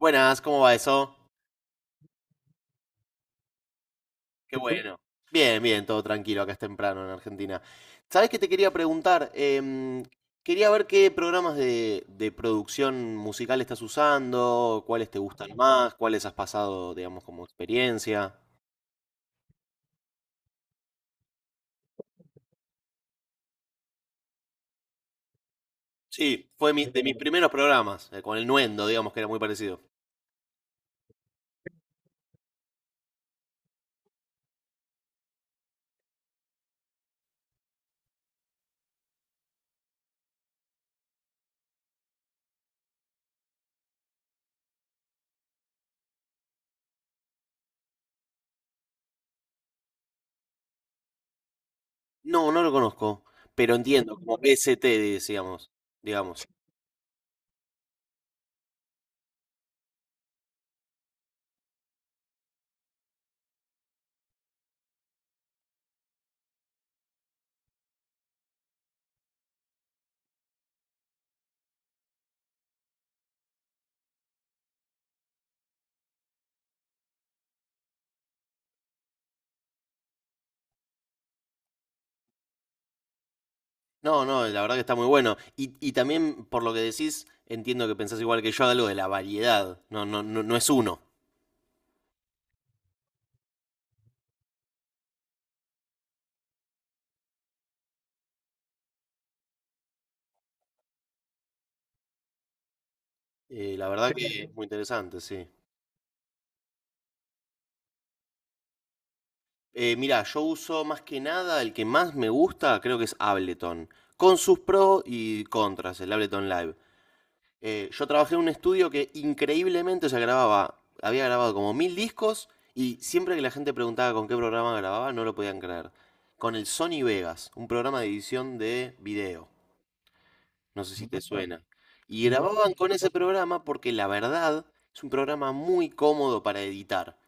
Buenas, ¿cómo va eso? Qué bueno. Bien, bien, todo tranquilo, acá es temprano en Argentina. ¿Sabés qué te quería preguntar? Quería ver qué programas de producción musical estás usando, cuáles te gustan más, cuáles has pasado, digamos, como experiencia. Sí, fue de mis primeros programas, con el Nuendo, digamos, que era muy parecido. No, no lo conozco, pero entiendo, como PST, decíamos, digamos. No, no, la verdad que está muy bueno. Y también, por lo que decís, entiendo que pensás igual que yo de algo de la variedad. No, no, no, no es uno. La verdad que es muy interesante, sí. Mira, yo uso más que nada el que más me gusta, creo que es Ableton, con sus pros y contras, el Ableton Live. Yo trabajé en un estudio que increíblemente se grababa, había grabado como mil discos y siempre que la gente preguntaba con qué programa grababa no lo podían creer. Con el Sony Vegas, un programa de edición de video. No sé si te suena. Y grababan con ese programa porque la verdad es un programa muy cómodo para editar.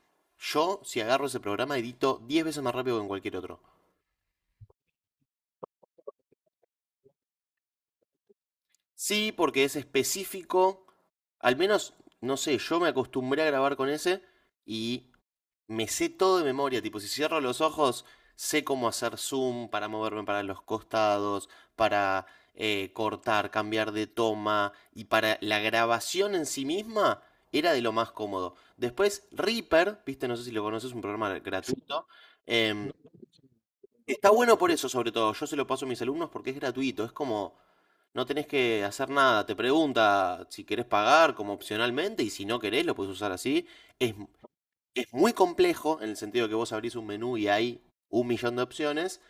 Yo, si agarro ese programa, edito 10 veces más rápido que en cualquier otro. Sí, porque es específico. Al menos, no sé, yo me acostumbré a grabar con ese y me sé todo de memoria, tipo, si cierro los ojos, sé cómo hacer zoom para moverme para los costados, para cortar, cambiar de toma, y para la grabación en sí misma era de lo más cómodo. Después, Reaper, viste, no sé si lo conoces, es un programa gratuito. em, Está bueno por eso, sobre todo. Yo se lo paso a mis alumnos porque es gratuito, es como... No tenés que hacer nada, te pregunta si querés pagar como opcionalmente y si no querés lo puedes usar así. Es es muy complejo en el sentido que vos abrís un menú y hay un millón de opciones,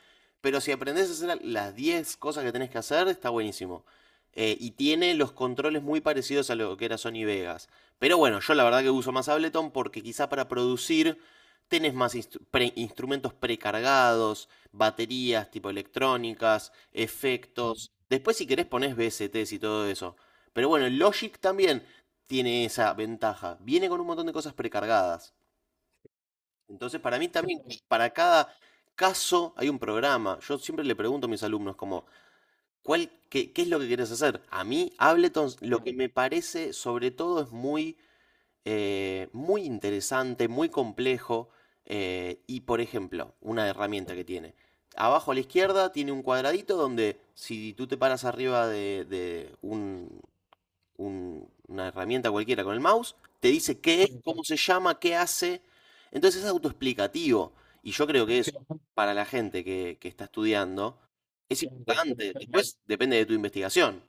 pero si aprendés a hacer las 10 cosas que tenés que hacer, está buenísimo. Y tiene los controles muy parecidos a lo que era Sony Vegas. Pero bueno, yo la verdad que uso más Ableton porque quizá para producir tenés más instrumentos precargados, baterías tipo electrónicas, efectos. Después si querés ponés VSTs y todo eso. Pero bueno, Logic también tiene esa ventaja. Viene con un montón de cosas precargadas. Entonces, para mí también, para cada caso hay un programa. Yo siempre le pregunto a mis alumnos como, ¿ qué es lo que quieres hacer? A mí, Ableton, lo que me parece sobre todo es muy, muy interesante, muy complejo. Y, por ejemplo, una herramienta que tiene. Abajo a la izquierda tiene un cuadradito donde si tú te paras arriba de un, una herramienta cualquiera con el mouse, te dice qué es, cómo se llama, qué hace. Entonces es autoexplicativo. Y yo creo que eso, para la gente que está estudiando, es importante. Después depende de tu investigación.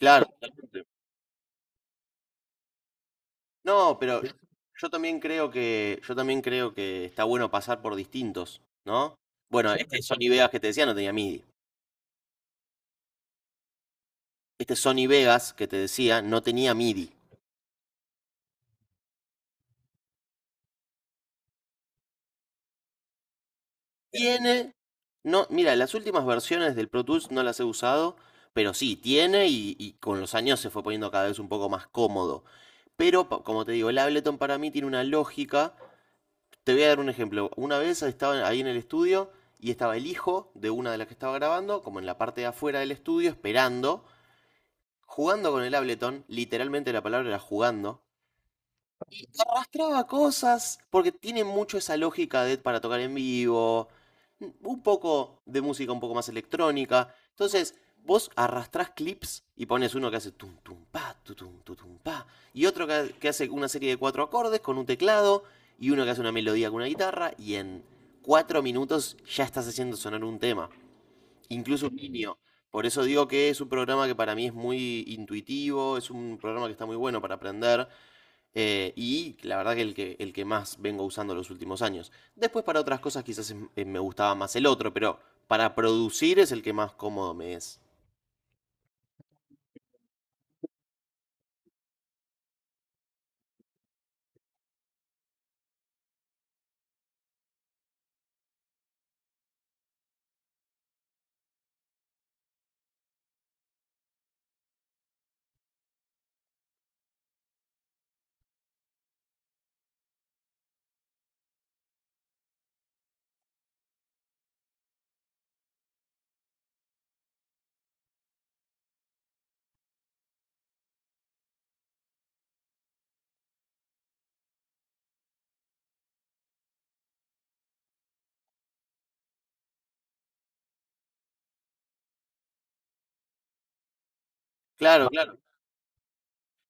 Claro, totalmente. No, yo también creo que, yo también creo que está bueno pasar por distintos, ¿no? Bueno, este Sony Vegas que te decía no tenía MIDI. Este Sony Vegas que te decía no tenía MIDI. Tiene No, mira, las últimas versiones del Pro Tools no las he usado, pero sí, tiene y con los años se fue poniendo cada vez un poco más cómodo. Pero, como te digo, el Ableton para mí tiene una lógica. Te voy a dar un ejemplo. Una vez estaba ahí en el estudio y estaba el hijo de una de las que estaba grabando, como en la parte de afuera del estudio, esperando, jugando con el Ableton. Literalmente la palabra era jugando, arrastraba cosas, porque tiene mucho esa lógica de para tocar en vivo, un poco de música un poco más electrónica. Entonces, vos arrastrás clips y pones uno que hace tum tum pa, tu, tum pa, y otro que hace una serie de cuatro acordes con un teclado, y uno que hace una melodía con una guitarra, y en cuatro minutos ya estás haciendo sonar un tema, incluso un niño. Por eso digo que es un programa que para mí es muy intuitivo, es un programa que está muy bueno para aprender. Y la verdad que que el que más vengo usando los últimos años. Después para otras cosas quizás me gustaba más el otro, pero para producir es el que más cómodo me es. Claro, claro.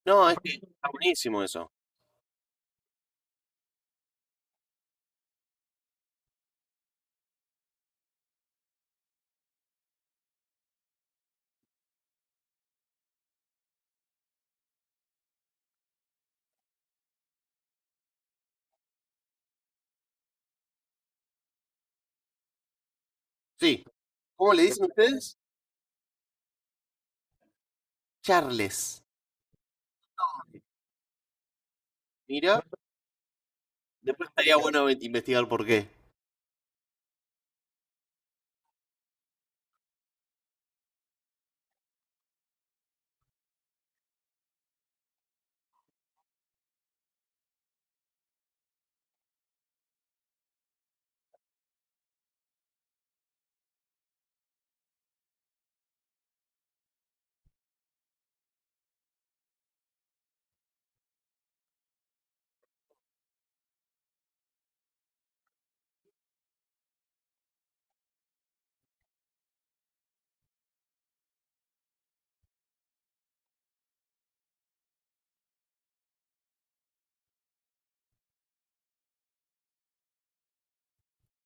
No, es que está buenísimo eso. Sí. ¿Cómo le dicen ustedes? Charles. Mira, después estaría bueno investigar por qué.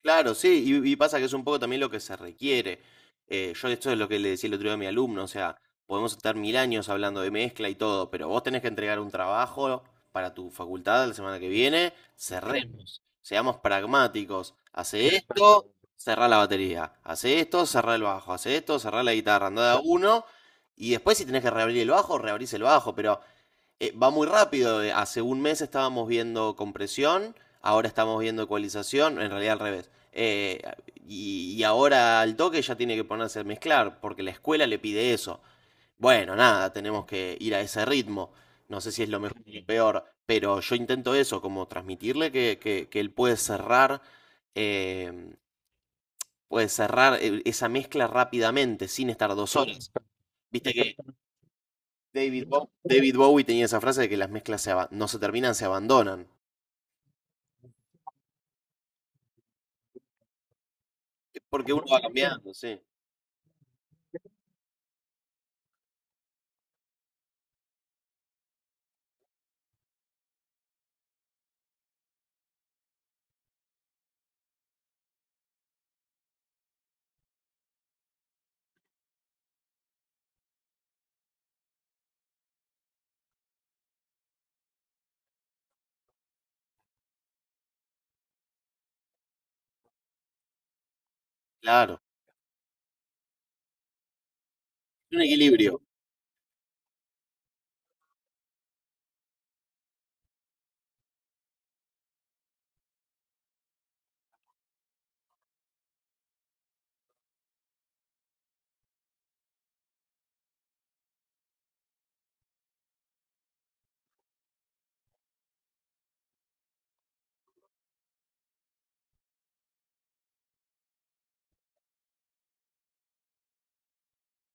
Claro, sí, y pasa que es un poco también lo que se requiere. Yo esto es lo que le decía el otro día a mi alumno, o sea, podemos estar mil años hablando de mezcla y todo, pero vos tenés que entregar un trabajo para tu facultad la semana que viene, cerremos, seamos pragmáticos, hace esto. Exactamente. Cerrá la batería, hace esto, cerrá el bajo, hace esto, cerrá la guitarra, andá de a uno, y después si tenés que reabrir el bajo, reabrís el bajo, pero va muy rápido. Hace un mes estábamos viendo compresión, ahora estamos viendo ecualización, en realidad al revés. Y ahora al toque ya tiene que ponerse a mezclar, porque la escuela le pide eso. Bueno, nada, tenemos que ir a ese ritmo. No sé si es lo mejor o lo peor, pero yo intento eso, como transmitirle que él eh, puede cerrar esa mezcla rápidamente, sin estar dos horas. Viste que David Bowie tenía esa frase de que las mezclas no se terminan, se abandonan. Es Porque uno va cambiando, sí. Claro. Un equilibrio.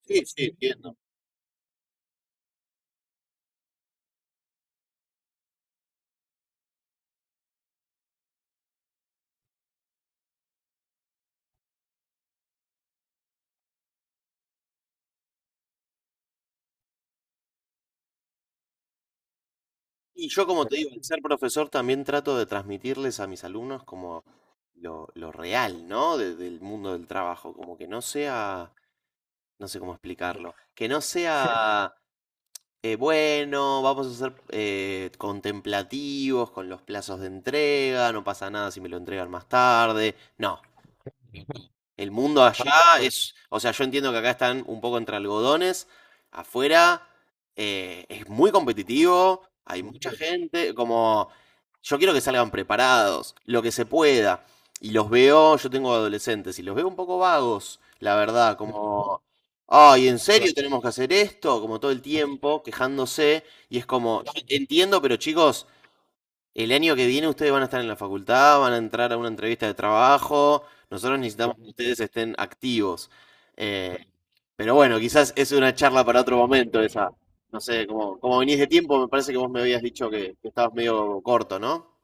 Sí, sí, entiendo. Y yo, como te digo, al ser profesor también trato de transmitirles a mis alumnos como lo real, ¿no? Del mundo del trabajo. Como que no sea, no sé cómo explicarlo. Que no sea, bueno, vamos a ser contemplativos con los plazos de entrega, no pasa nada si me lo entregan más tarde. No, el mundo allá es, o sea, yo entiendo que acá están un poco entre algodones, afuera es muy competitivo, hay mucha gente, como, yo quiero que salgan preparados, lo que se pueda. Y los veo, yo tengo adolescentes, y los veo un poco vagos, la verdad, como, ay, ¿en serio tenemos que hacer esto? Como todo el tiempo, quejándose, y es como, yo entiendo, pero chicos, el año que viene ustedes van a estar en la facultad, van a entrar a una entrevista de trabajo. Nosotros necesitamos que ustedes estén activos. Eh, pero bueno, quizás es una charla para otro momento esa. No sé, como, como venís de tiempo, me parece que vos me habías dicho que estabas medio corto, ¿no?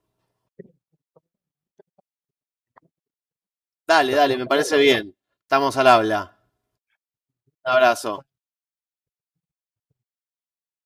Dale, dale, me parece bien. Estamos al habla. Un abrazo.